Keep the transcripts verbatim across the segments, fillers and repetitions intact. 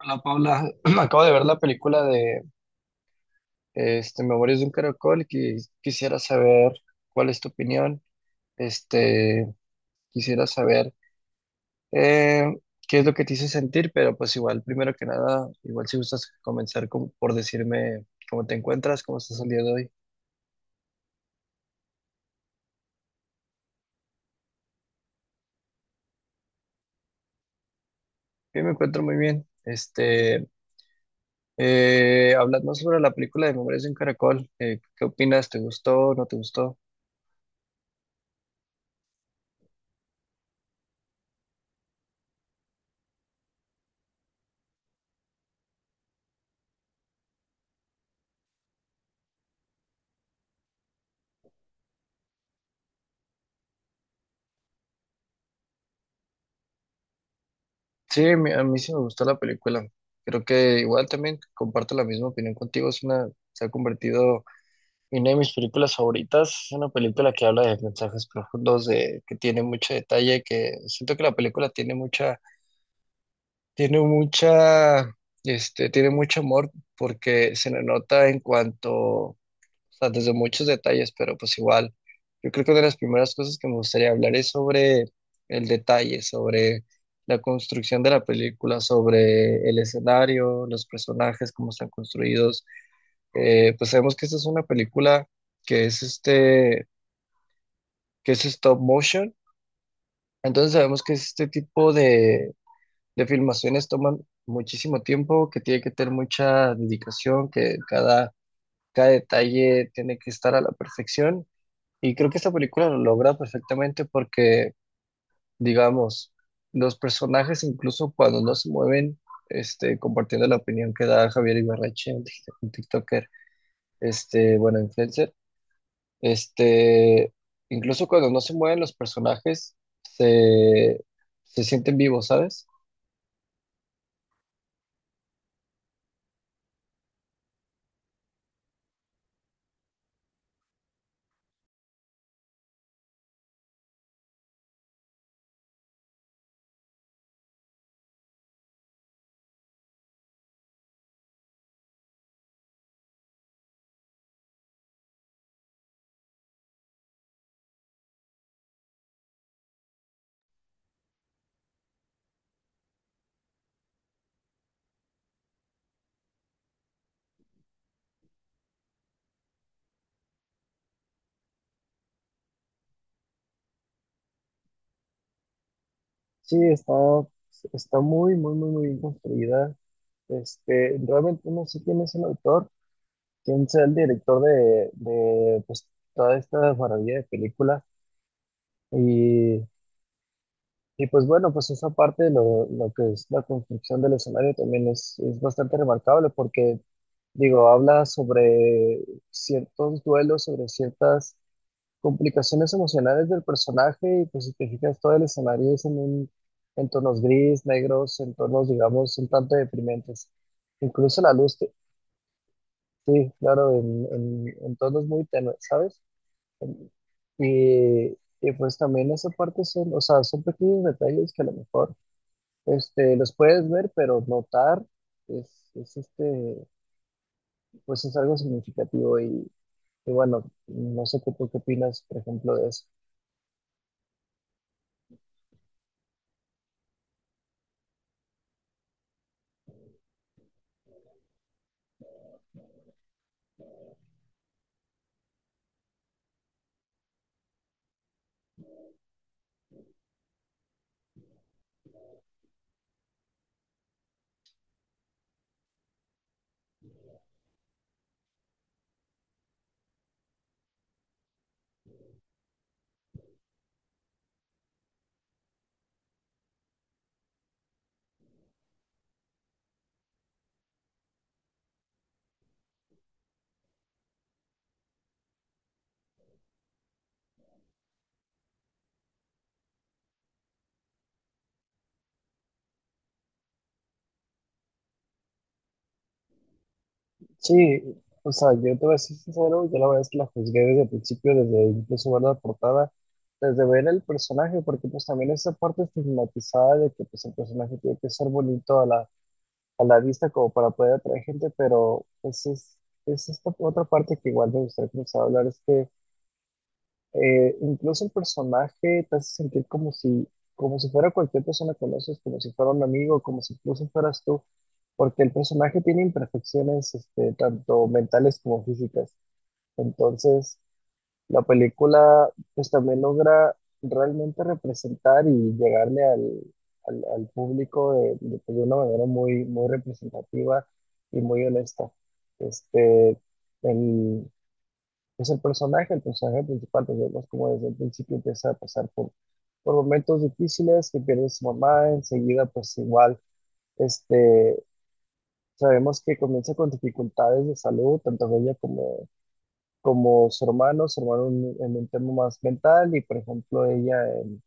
Hola Paula, acabo de ver la película de este, Memorias de un Caracol y quisiera saber cuál es tu opinión. Este, quisiera saber eh, qué es lo que te hizo sentir, pero pues igual, primero que nada, igual si gustas comenzar con- por decirme cómo te encuentras, cómo estás el día de hoy. Yo me encuentro muy bien. Este, eh, hablando sobre la película de Memorias de un Caracol, eh, ¿qué opinas? ¿Te gustó? ¿No te gustó? Sí, a mí, a mí sí me gustó la película. Creo que igual también comparto la misma opinión contigo. Es una, se ha convertido en una de mis películas favoritas. Es una película que habla de mensajes profundos, de, que tiene mucho detalle, que siento que la película tiene mucha, tiene mucha, este, tiene mucho amor porque se le nota en cuanto o sea, desde muchos detalles, pero pues igual, yo creo que una de las primeras cosas que me gustaría hablar es sobre el detalle, sobre la construcción de la película, sobre el escenario, los personajes, cómo están construidos. Eh, pues sabemos que esta es una película que es este, que es stop motion, entonces sabemos que este tipo de, de filmaciones toman muchísimo tiempo, que tiene que tener mucha dedicación, que cada, cada detalle tiene que estar a la perfección. Y creo que esta película lo logra perfectamente porque, digamos, los personajes, incluso cuando no se mueven, este, compartiendo la opinión que da Javier Ibarreche, un tik- un TikToker, este, bueno, influencer, este, incluso cuando no se mueven los personajes, se, se sienten vivos, ¿sabes? Sí, está, está muy, muy, muy, muy bien construida. Este, realmente no sé quién es el autor, quién sea el director de, de pues, toda esta maravilla de películas. Y, y pues bueno, pues esa parte de lo, lo que es la construcción del escenario también es, es bastante remarcable porque, digo, habla sobre ciertos duelos, sobre ciertas complicaciones emocionales del personaje y pues si te fijas, todo el escenario es en un, en tonos gris, negros, en tonos, digamos, un tanto deprimentes. Incluso la luz, te- sí, claro, en, en, en tonos muy tenues, ¿sabes? Y, y pues también esa parte son, o sea, son pequeños detalles que a lo mejor este, los puedes ver, pero notar es, es este, pues es algo significativo y, y bueno, no sé qué, tú qué opinas, por ejemplo, de eso. Sí, o sea, yo te voy a ser sincero, yo la verdad es que la juzgué desde el principio, desde incluso ver la portada, desde ver el personaje, porque pues también esa parte estigmatizada de que pues el personaje tiene que ser bonito a la a la vista como para poder atraer gente, pero pues es, es esta otra parte que igual me gustaría comenzar a hablar, es que eh, incluso el personaje te hace sentir como si, como si fuera cualquier persona que conoces, como si fuera un amigo, como si incluso fueras tú, porque el personaje tiene imperfecciones este, tanto mentales como físicas. Entonces, la película pues también logra realmente representar y llegarle al, al- al público de, de, pues, de una manera muy, muy representativa y muy honesta. Este, el, pues el personaje, el personaje principal, pues vemos como desde el principio empieza a pasar por, por momentos difíciles, que pierde a su mamá, enseguida pues igual, este, sabemos que comienza con dificultades de salud, tanto ella como como su hermano, su hermano en, en un tema más mental y por ejemplo ella en,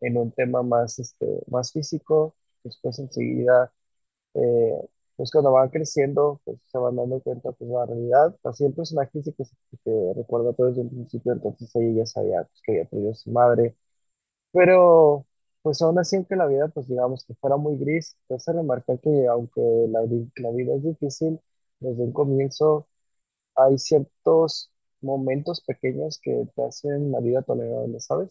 en un tema más, este, más físico, después enseguida, eh, pues cuando van creciendo, pues se van dando cuenta pues la realidad, así el personaje sí que se que se recuerda todo desde el principio, entonces ella ya sabía pues, que había perdido a su madre, pero pues aún así aunque la vida pues digamos que fuera muy gris, te hace remarcar que aunque la, vi- la vida es difícil, desde un comienzo hay ciertos momentos pequeños que te hacen la vida tolerable, ¿sabes?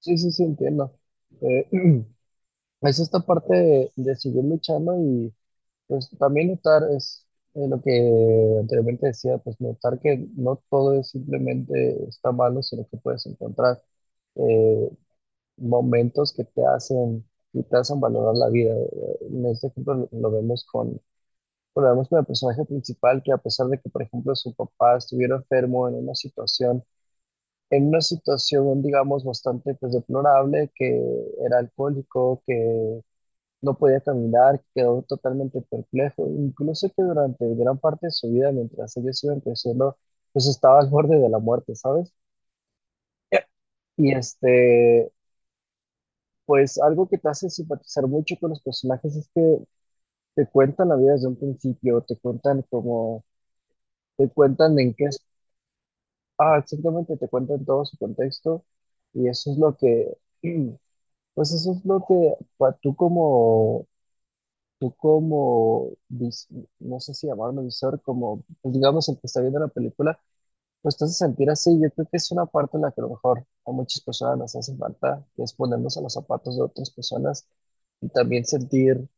Sí, sí, sí, entiendo. Eh, es esta parte de, de seguir luchando y pues también notar es eh, lo que anteriormente decía, pues notar que no todo es simplemente está malo, sino que puedes encontrar eh, momentos que te hacen y te hacen valorar la vida. Eh, En este ejemplo lo, lo vemos con bueno, vemos con el personaje principal que a pesar de que, por ejemplo, su papá estuviera enfermo en una situación, en una situación, digamos, bastante pues deplorable, que era alcohólico, que no podía caminar, que quedó totalmente perplejo, incluso que durante gran parte de su vida, mientras ellos iban creciendo, pues estaba al borde de la muerte, ¿sabes? Y este, pues algo que te hace simpatizar mucho con los personajes es que te cuentan la vida desde un principio, te cuentan como, te cuentan en qué ah, exactamente, te cuentan todo su contexto y eso es lo que, pues eso es lo que pa- tú como, tú como, vis- no sé si llamarlo visor, como, pues digamos el que está viendo la película, pues te hace sentir así. Yo creo que es una parte en la que a lo mejor a muchas personas nos hace falta, que es ponernos a los zapatos de otras personas y también sentir,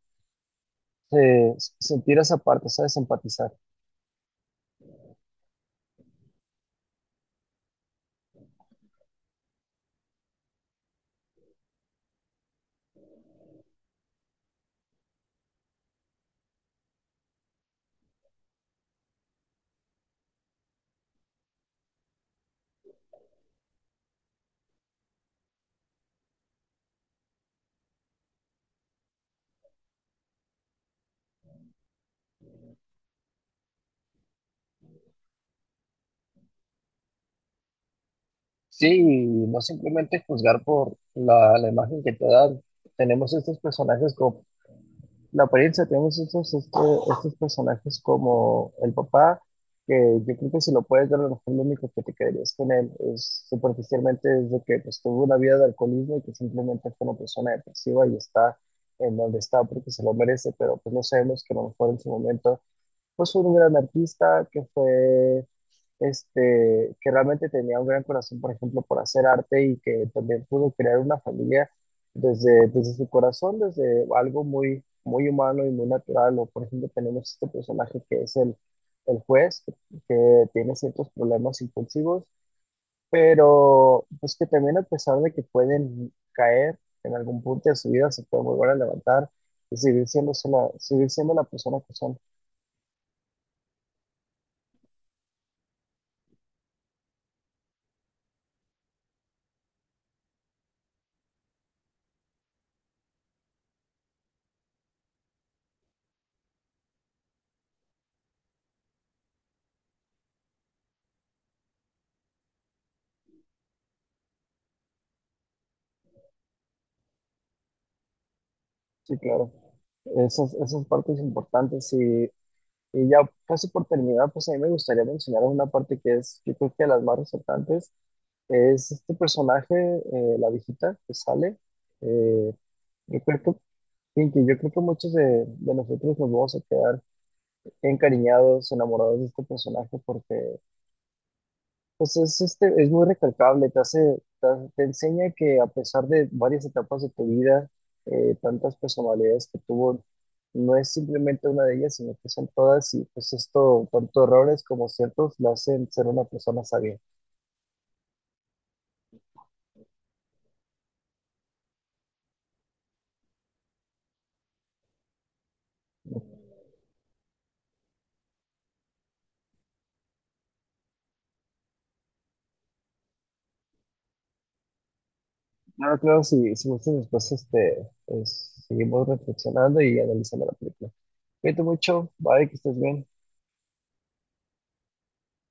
eh, sentir esa parte, ¿sabes? Empatizar. Sí, y no simplemente juzgar por la, la imagen que te dan. Tenemos estos personajes como la apariencia, tenemos estos, este- estos personajes como el papá, que yo creo que si lo puedes ver, a lo mejor lo único que te quedarías con él es superficialmente es de que pues, tuvo una vida de alcoholismo y que simplemente fue una persona depresiva y está en donde está porque se lo merece, pero pues no sabemos que a lo mejor en su momento pues un gran artista que fue, este, que realmente tenía un gran corazón, por ejemplo, por hacer arte y que también pudo crear una familia desde, desde su corazón, desde algo muy, muy humano y muy natural. O, por ejemplo, tenemos este personaje que es el, el juez, que tiene ciertos problemas impulsivos, pero pues que también a pesar de que pueden caer en algún punto de su vida, se pueden volver a levantar y seguir siendo, sola- seguir siendo la persona que son. Sí, claro. Esas, esas partes importantes y, y ya casi por terminar, pues a mí me gustaría mencionar una parte que es, yo creo que de las más resaltantes, es este personaje, eh, la viejita que sale. Eh, yo creo que, Pinky, yo creo que muchos de, de nosotros nos vamos a quedar encariñados, enamorados de este personaje porque pues es, este, es muy recalcable, te hace, te, te enseña que a pesar de varias etapas de tu vida, eh, tantas personalidades que tuvo, no es simplemente una de ellas, sino que son todas y pues esto, tanto errores como ciertos, la hacen ser una persona sabia. Claro, claro, si, si gustas después este, pues, seguimos reflexionando y analizando la película. Cuídate mucho, bye, que estés bien.